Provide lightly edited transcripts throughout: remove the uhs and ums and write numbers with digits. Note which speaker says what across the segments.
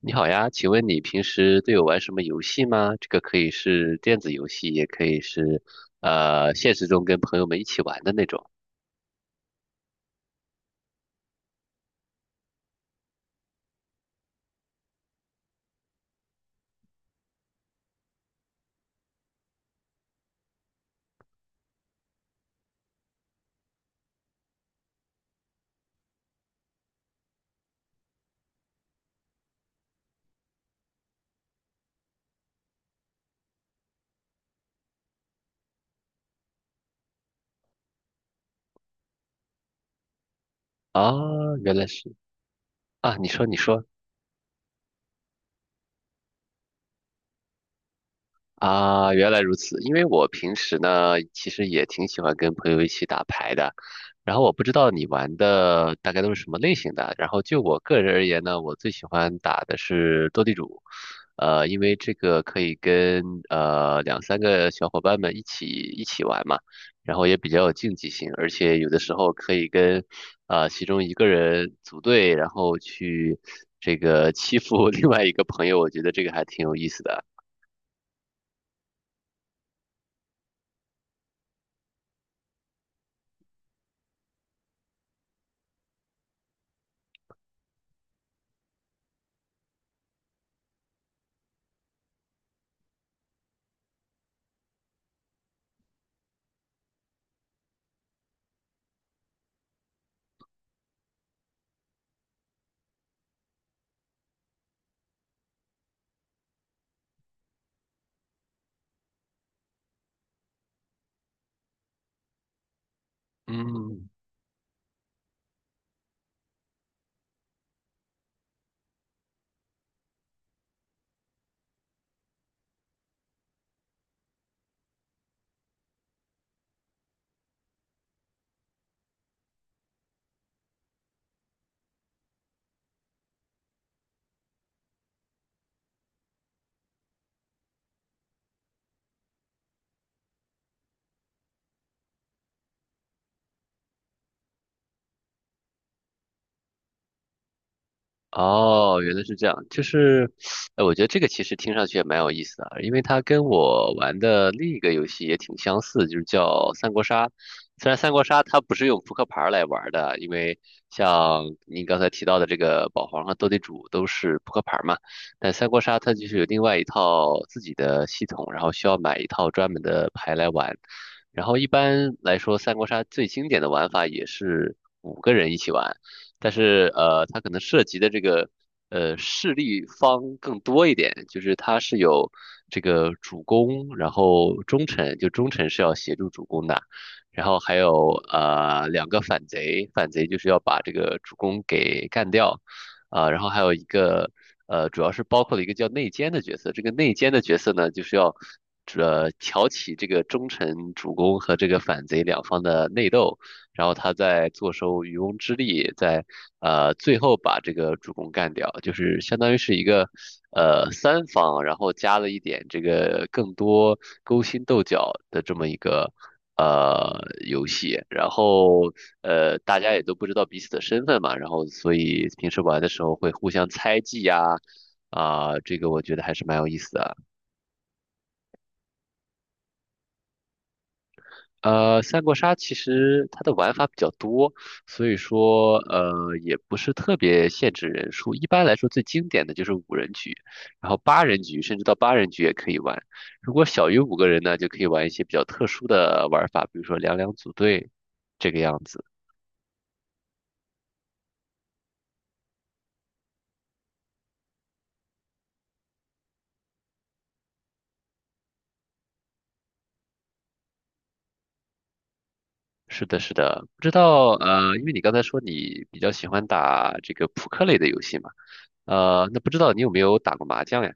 Speaker 1: 你好呀，请问你平时都有玩什么游戏吗？这个可以是电子游戏，也可以是现实中跟朋友们一起玩的那种。啊，原来是啊，你说你说，啊，原来如此。因为我平时呢，其实也挺喜欢跟朋友一起打牌的。然后我不知道你玩的大概都是什么类型的。然后就我个人而言呢，我最喜欢打的是斗地主，因为这个可以跟两三个小伙伴们一起玩嘛，然后也比较有竞技性，而且有的时候可以跟其中一个人组队，然后去这个欺负 另外一个朋友，我觉得这个还挺有意思的。嗯。哦，原来是这样，就是，我觉得这个其实听上去也蛮有意思的啊，因为它跟我玩的另一个游戏也挺相似，就是叫三国杀。虽然三国杀它不是用扑克牌儿来玩儿的，因为像您刚才提到的这个保皇和斗地主都是扑克牌儿嘛，但三国杀它就是有另外一套自己的系统，然后需要买一套专门的牌来玩。然后一般来说，三国杀最经典的玩法也是五个人一起玩。但是它可能涉及的这个势力方更多一点，就是它是有这个主公，然后忠臣，就忠臣是要协助主公的，然后还有两个反贼，反贼就是要把这个主公给干掉，啊、然后还有一个主要是包括了一个叫内奸的角色，这个内奸的角色呢，就是要。挑起这个忠臣主公和这个反贼两方的内斗，然后他在坐收渔翁之利，在最后把这个主公干掉，就是相当于是一个三方，然后加了一点这个更多勾心斗角的这么一个。呃，游戏，然后大家也都不知道彼此的身份嘛，然后所以平时玩的时候会互相猜忌呀，啊，这个我觉得还是蛮有意思的。三国杀其实它的玩法比较多，所以说也不是特别限制人数。一般来说，最经典的就是五人局，然后八人局，甚至到八人局也可以玩。如果小于五个人呢，就可以玩一些比较特殊的玩法，比如说两两组队这个样子。是的，是的，不知道因为你刚才说你比较喜欢打这个扑克类的游戏嘛，那不知道你有没有打过麻将呀？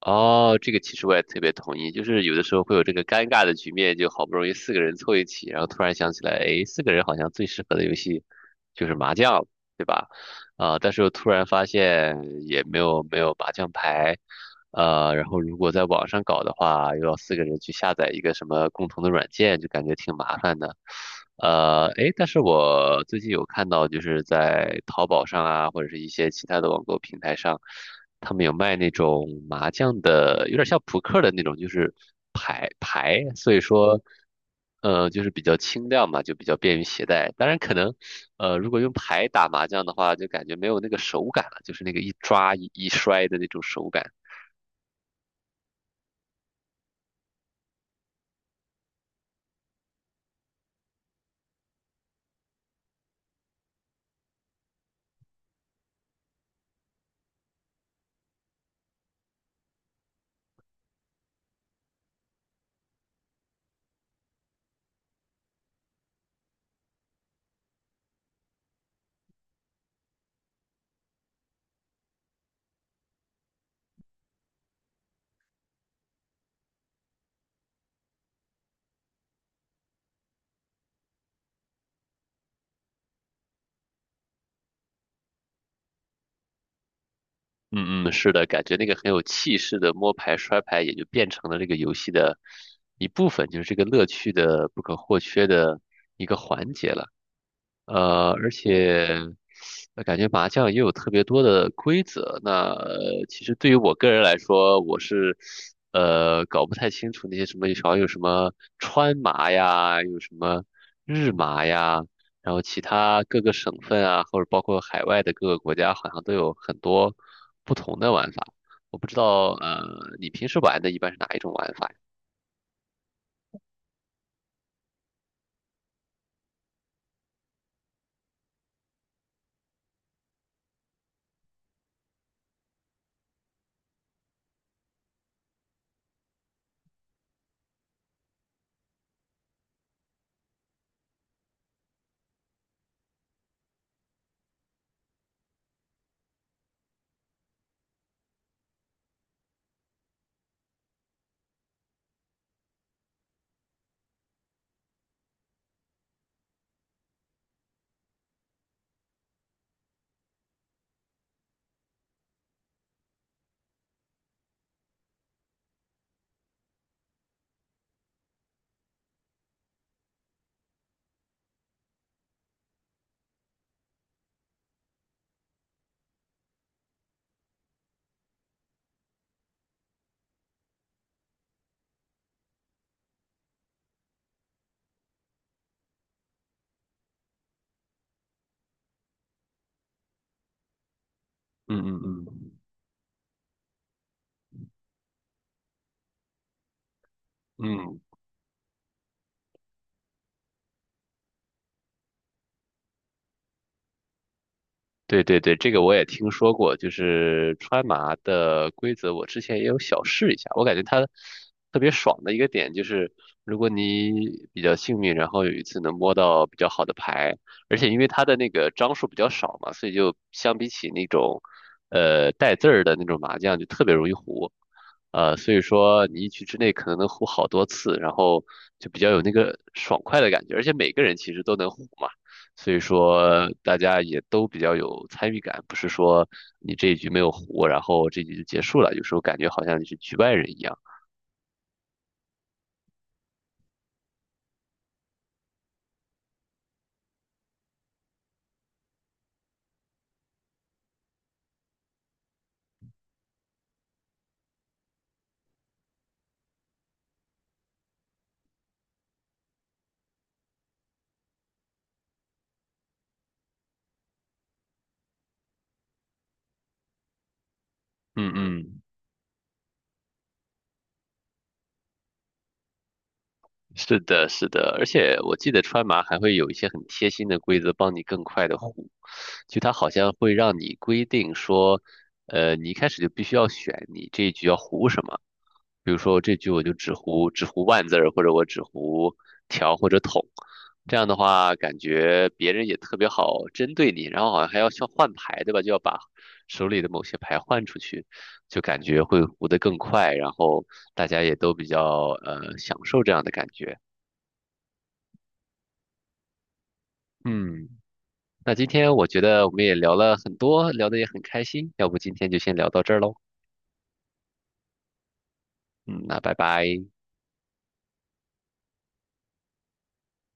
Speaker 1: 哦，这个其实我也特别同意，就是有的时候会有这个尴尬的局面，就好不容易四个人凑一起，然后突然想起来，哎，四个人好像最适合的游戏就是麻将，对吧？啊、但是又突然发现也没有麻将牌，然后如果在网上搞的话，又要四个人去下载一个什么共同的软件，就感觉挺麻烦的。诶，但是我最近有看到，就是在淘宝上啊，或者是一些其他的网购平台上，他们有卖那种麻将的，有点像扑克的那种，就是牌牌，所以说。就是比较轻量嘛，就比较便于携带。当然，可能，如果用牌打麻将的话，就感觉没有那个手感了，就是那个一抓一摔的那种手感。嗯嗯，嗯，是的，感觉那个很有气势的摸牌摔牌，也就变成了这个游戏的一部分，就是这个乐趣的不可或缺的一个环节了。而且感觉麻将也有特别多的规则。那其实对于我个人来说，我是搞不太清楚那些什么，好像有什么川麻呀，有什么日麻呀，然后其他各个省份啊，或者包括海外的各个国家，好像都有很多不同的玩法。我不知道，你平时玩的一般是哪一种玩法呀。嗯嗯嗯。嗯，对对对，这个我也听说过，就是川麻的规则，我之前也有小试一下。我感觉它特别爽的一个点就是，如果你比较幸运，然后有一次能摸到比较好的牌，而且因为它的那个张数比较少嘛，所以就相比起那种带字儿的那种麻将，就特别容易胡。所以说你一局之内可能能胡好多次，然后就比较有那个爽快的感觉，而且每个人其实都能胡嘛。所以说大家也都比较有参与感，不是说你这一局没有胡，然后这局就结束了，有时候感觉好像你是局外人一样。嗯嗯，是的，是的，而且我记得川麻还会有一些很贴心的规则，帮你更快的胡。就它好像会让你规定说，你一开始就必须要选你这一局要胡什么。比如说这局我就只胡万字儿，或者我只胡条或者筒，这样的话感觉别人也特别好针对你，然后好像还要需要换牌，对吧？就要把手里的某些牌换出去，就感觉会胡得更快，然后大家也都比较享受这样的感觉。嗯，那今天我觉得我们也聊了很多，聊得也很开心，要不今天就先聊到这儿喽。嗯，那拜拜。